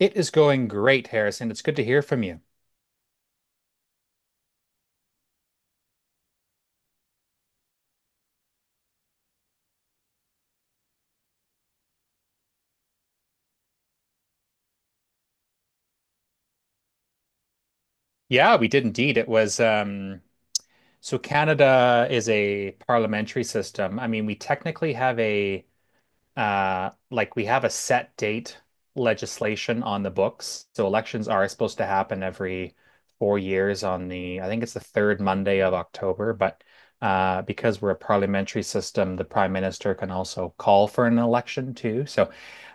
It is going great, Harrison. It's good to hear from you. Yeah, we did indeed. It was So Canada is a parliamentary system. I mean, we technically have a like we have a set date legislation on the books. So elections are supposed to happen every 4 years I think it's the third Monday of October. But because we're a parliamentary system, the prime minister can also call for an election too. So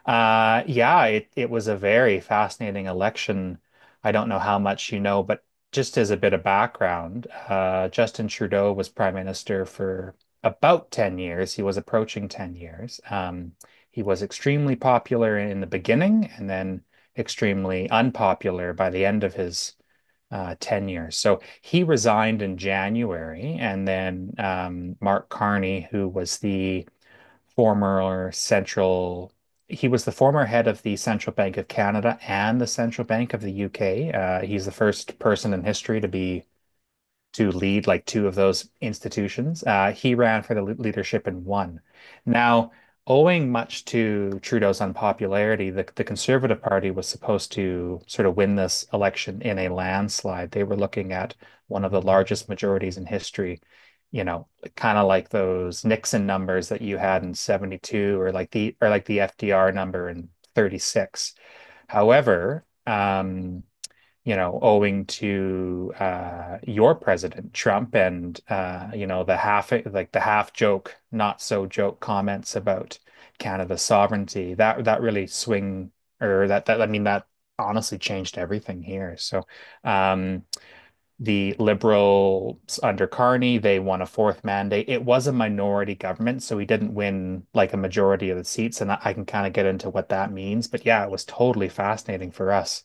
yeah, it was a very fascinating election. I don't know how much you know, but just as a bit of background, Justin Trudeau was prime minister for about 10 years. He was approaching 10 years. He was extremely popular in the beginning and then extremely unpopular by the end of his tenure. So he resigned in January, and then Mark Carney, who was the former central, he was the former head of the Central Bank of Canada and the Central Bank of the UK. He's the first person in history to be to lead like two of those institutions. He ran for the leadership in one. Now, owing much to Trudeau's unpopularity, the Conservative Party was supposed to sort of win this election in a landslide. They were looking at one of the largest majorities in history, you know, kind of like those Nixon numbers that you had in 72, or like the FDR number in 36. However, owing to your president, Trump, and the half joke, not so joke comments about Canada's sovereignty. That that really swing or that that I mean, that honestly changed everything here. So um, the Liberals under Carney, they won a fourth mandate. It was a minority government, so he didn't win like a majority of the seats, and I can kind of get into what that means. But yeah, it was totally fascinating for us.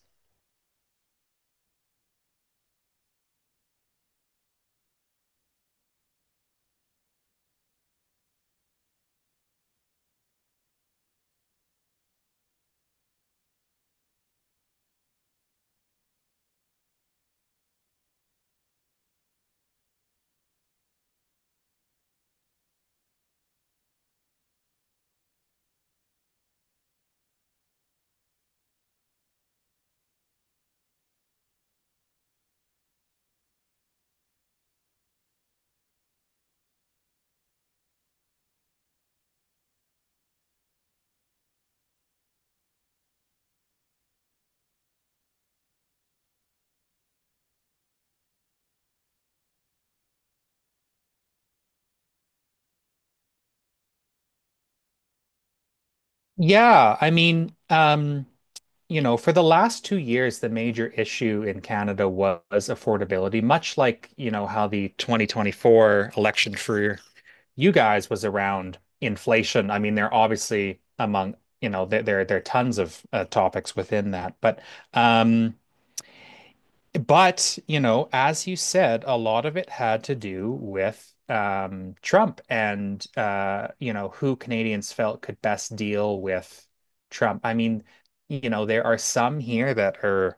Yeah, I mean, for the last 2 years, the major issue in Canada was affordability, much like, you know, how the 2024 election for you guys was around inflation. I mean, they're obviously among, you know, there are tons of topics within that, but um, as you said, a lot of it had to do with Trump, and who Canadians felt could best deal with Trump. I mean, there are some here that are,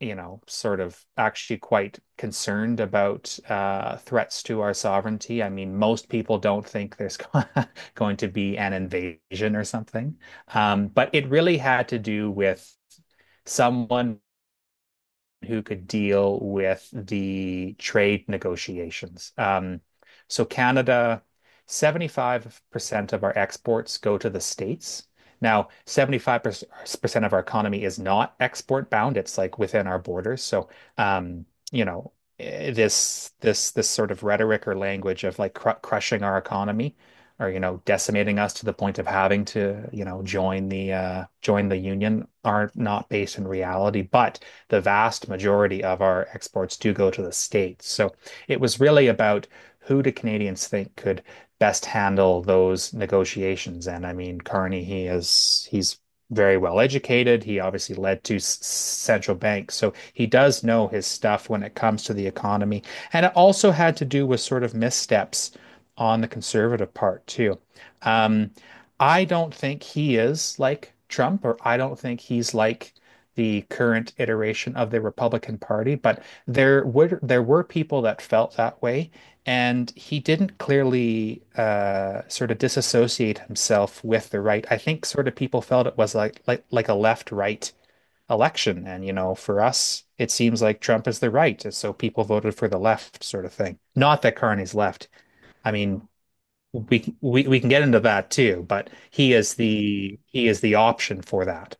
sort of actually quite concerned about threats to our sovereignty. I mean, most people don't think there's going to be an invasion or something. But it really had to do with someone who could deal with the trade negotiations. So Canada, 75% of our exports go to the States. Now, 75% of our economy is not export bound. It's like within our borders. So, um, you know, this sort of rhetoric or language of like cr crushing our economy or, you know, decimating us to the point of having to, join the union are not based in reality. But the vast majority of our exports do go to the States. So it was really about who do Canadians think could best handle those negotiations. And I mean, Carney, he's very well educated. He obviously led two central banks, so he does know his stuff when it comes to the economy. And it also had to do with sort of missteps on the conservative part too. Um, I don't think he is like Trump, or I don't think he's like the current iteration of the Republican Party, but there were people that felt that way, and he didn't clearly sort of disassociate himself with the right. I think sort of people felt it was like a left-right election, and you know, for us, it seems like Trump is the right, and so people voted for the left sort of thing. Not that Carney's left. I mean, we can get into that too, but he is the option for that.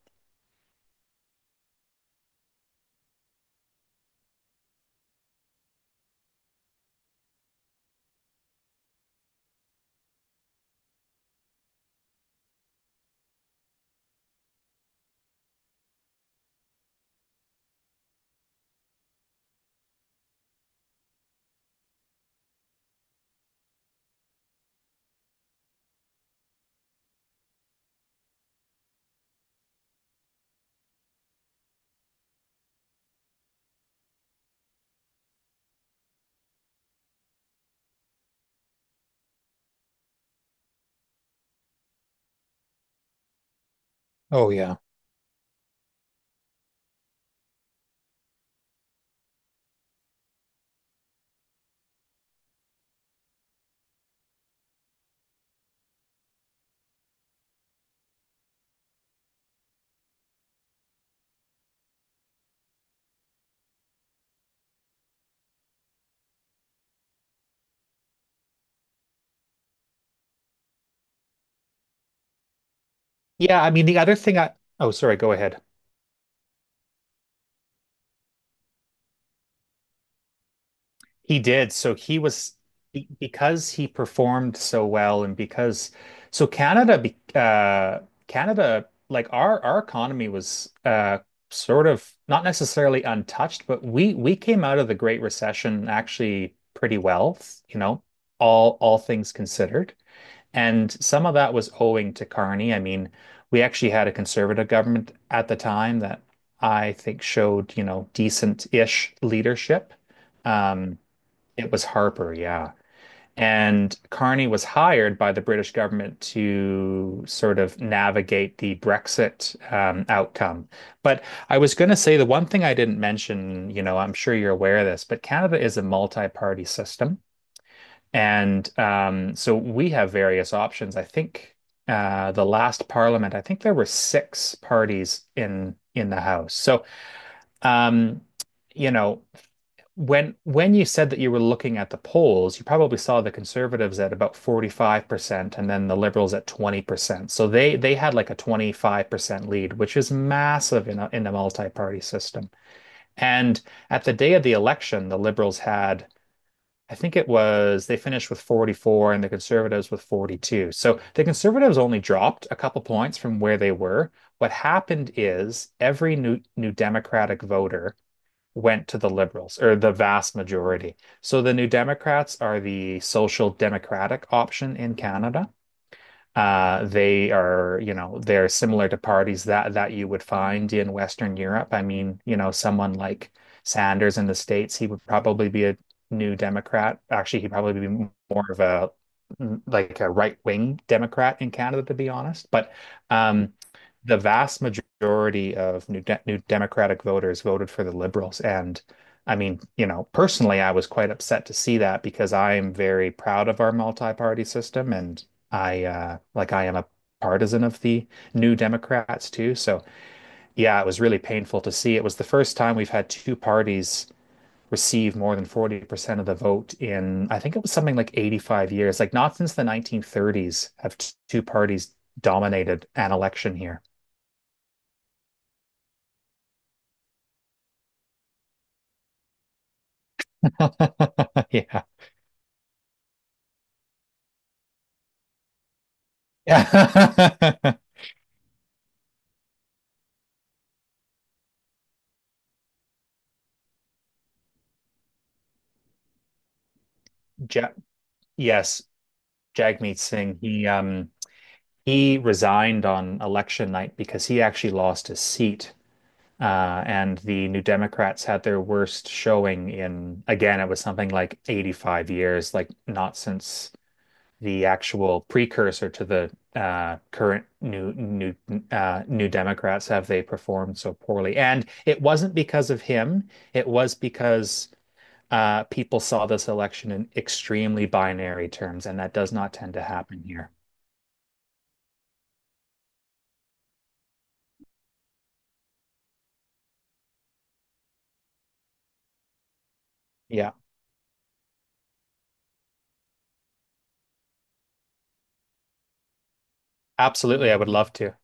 Oh yeah. Yeah, I mean the other thing I oh, sorry, go ahead. He did. So he was because he performed so well, and because so Canada, like our economy was sort of not necessarily untouched, but we came out of the Great Recession actually pretty well, you know, all things considered. And some of that was owing to Carney. I mean, we actually had a conservative government at the time that I think showed, you know, decent-ish leadership. Um, it was Harper, yeah. And Carney was hired by the British government to sort of navigate the Brexit outcome. But I was going to say the one thing I didn't mention, you know, I'm sure you're aware of this, but Canada is a multi-party system. And so we have various options. I think the last parliament, I think there were six parties in the House. So um, you know, when you said that you were looking at the polls, you probably saw the Conservatives at about 45% and then the Liberals at 20%. So they had like a 25% lead, which is massive in a multi-party system. And at the day of the election, the Liberals had I think it was, they finished with 44 and the Conservatives with 42. So the Conservatives only dropped a couple points from where they were. What happened is every new Democratic voter went to the Liberals, or the vast majority. So the New Democrats are the social democratic option in Canada. They are, you know, they're similar to parties that you would find in Western Europe. I mean, you know, someone like Sanders in the States, he would probably be a new Democrat. Actually, he'd probably be more of a like a right-wing Democrat in Canada, to be honest. But um, the vast majority of new Democratic voters voted for the Liberals, and I mean, personally, I was quite upset to see that, because I am very proud of our multi-party system, and I like I am a partisan of the New Democrats too. So yeah, it was really painful to see. It was the first time we've had two parties receive more than 40% of the vote in, I think it was something like 85 years. Like not since the 1930s have two parties dominated an election here. Yeah. Yeah. Ja yes, Jagmeet Singh, he resigned on election night because he actually lost his seat. And the New Democrats had their worst showing in, again, it was something like 85 years, like not since the actual precursor to the current New Democrats have they performed so poorly. And it wasn't because of him; it was because people saw this election in extremely binary terms, and that does not tend to happen here. Yeah, absolutely. I would love to.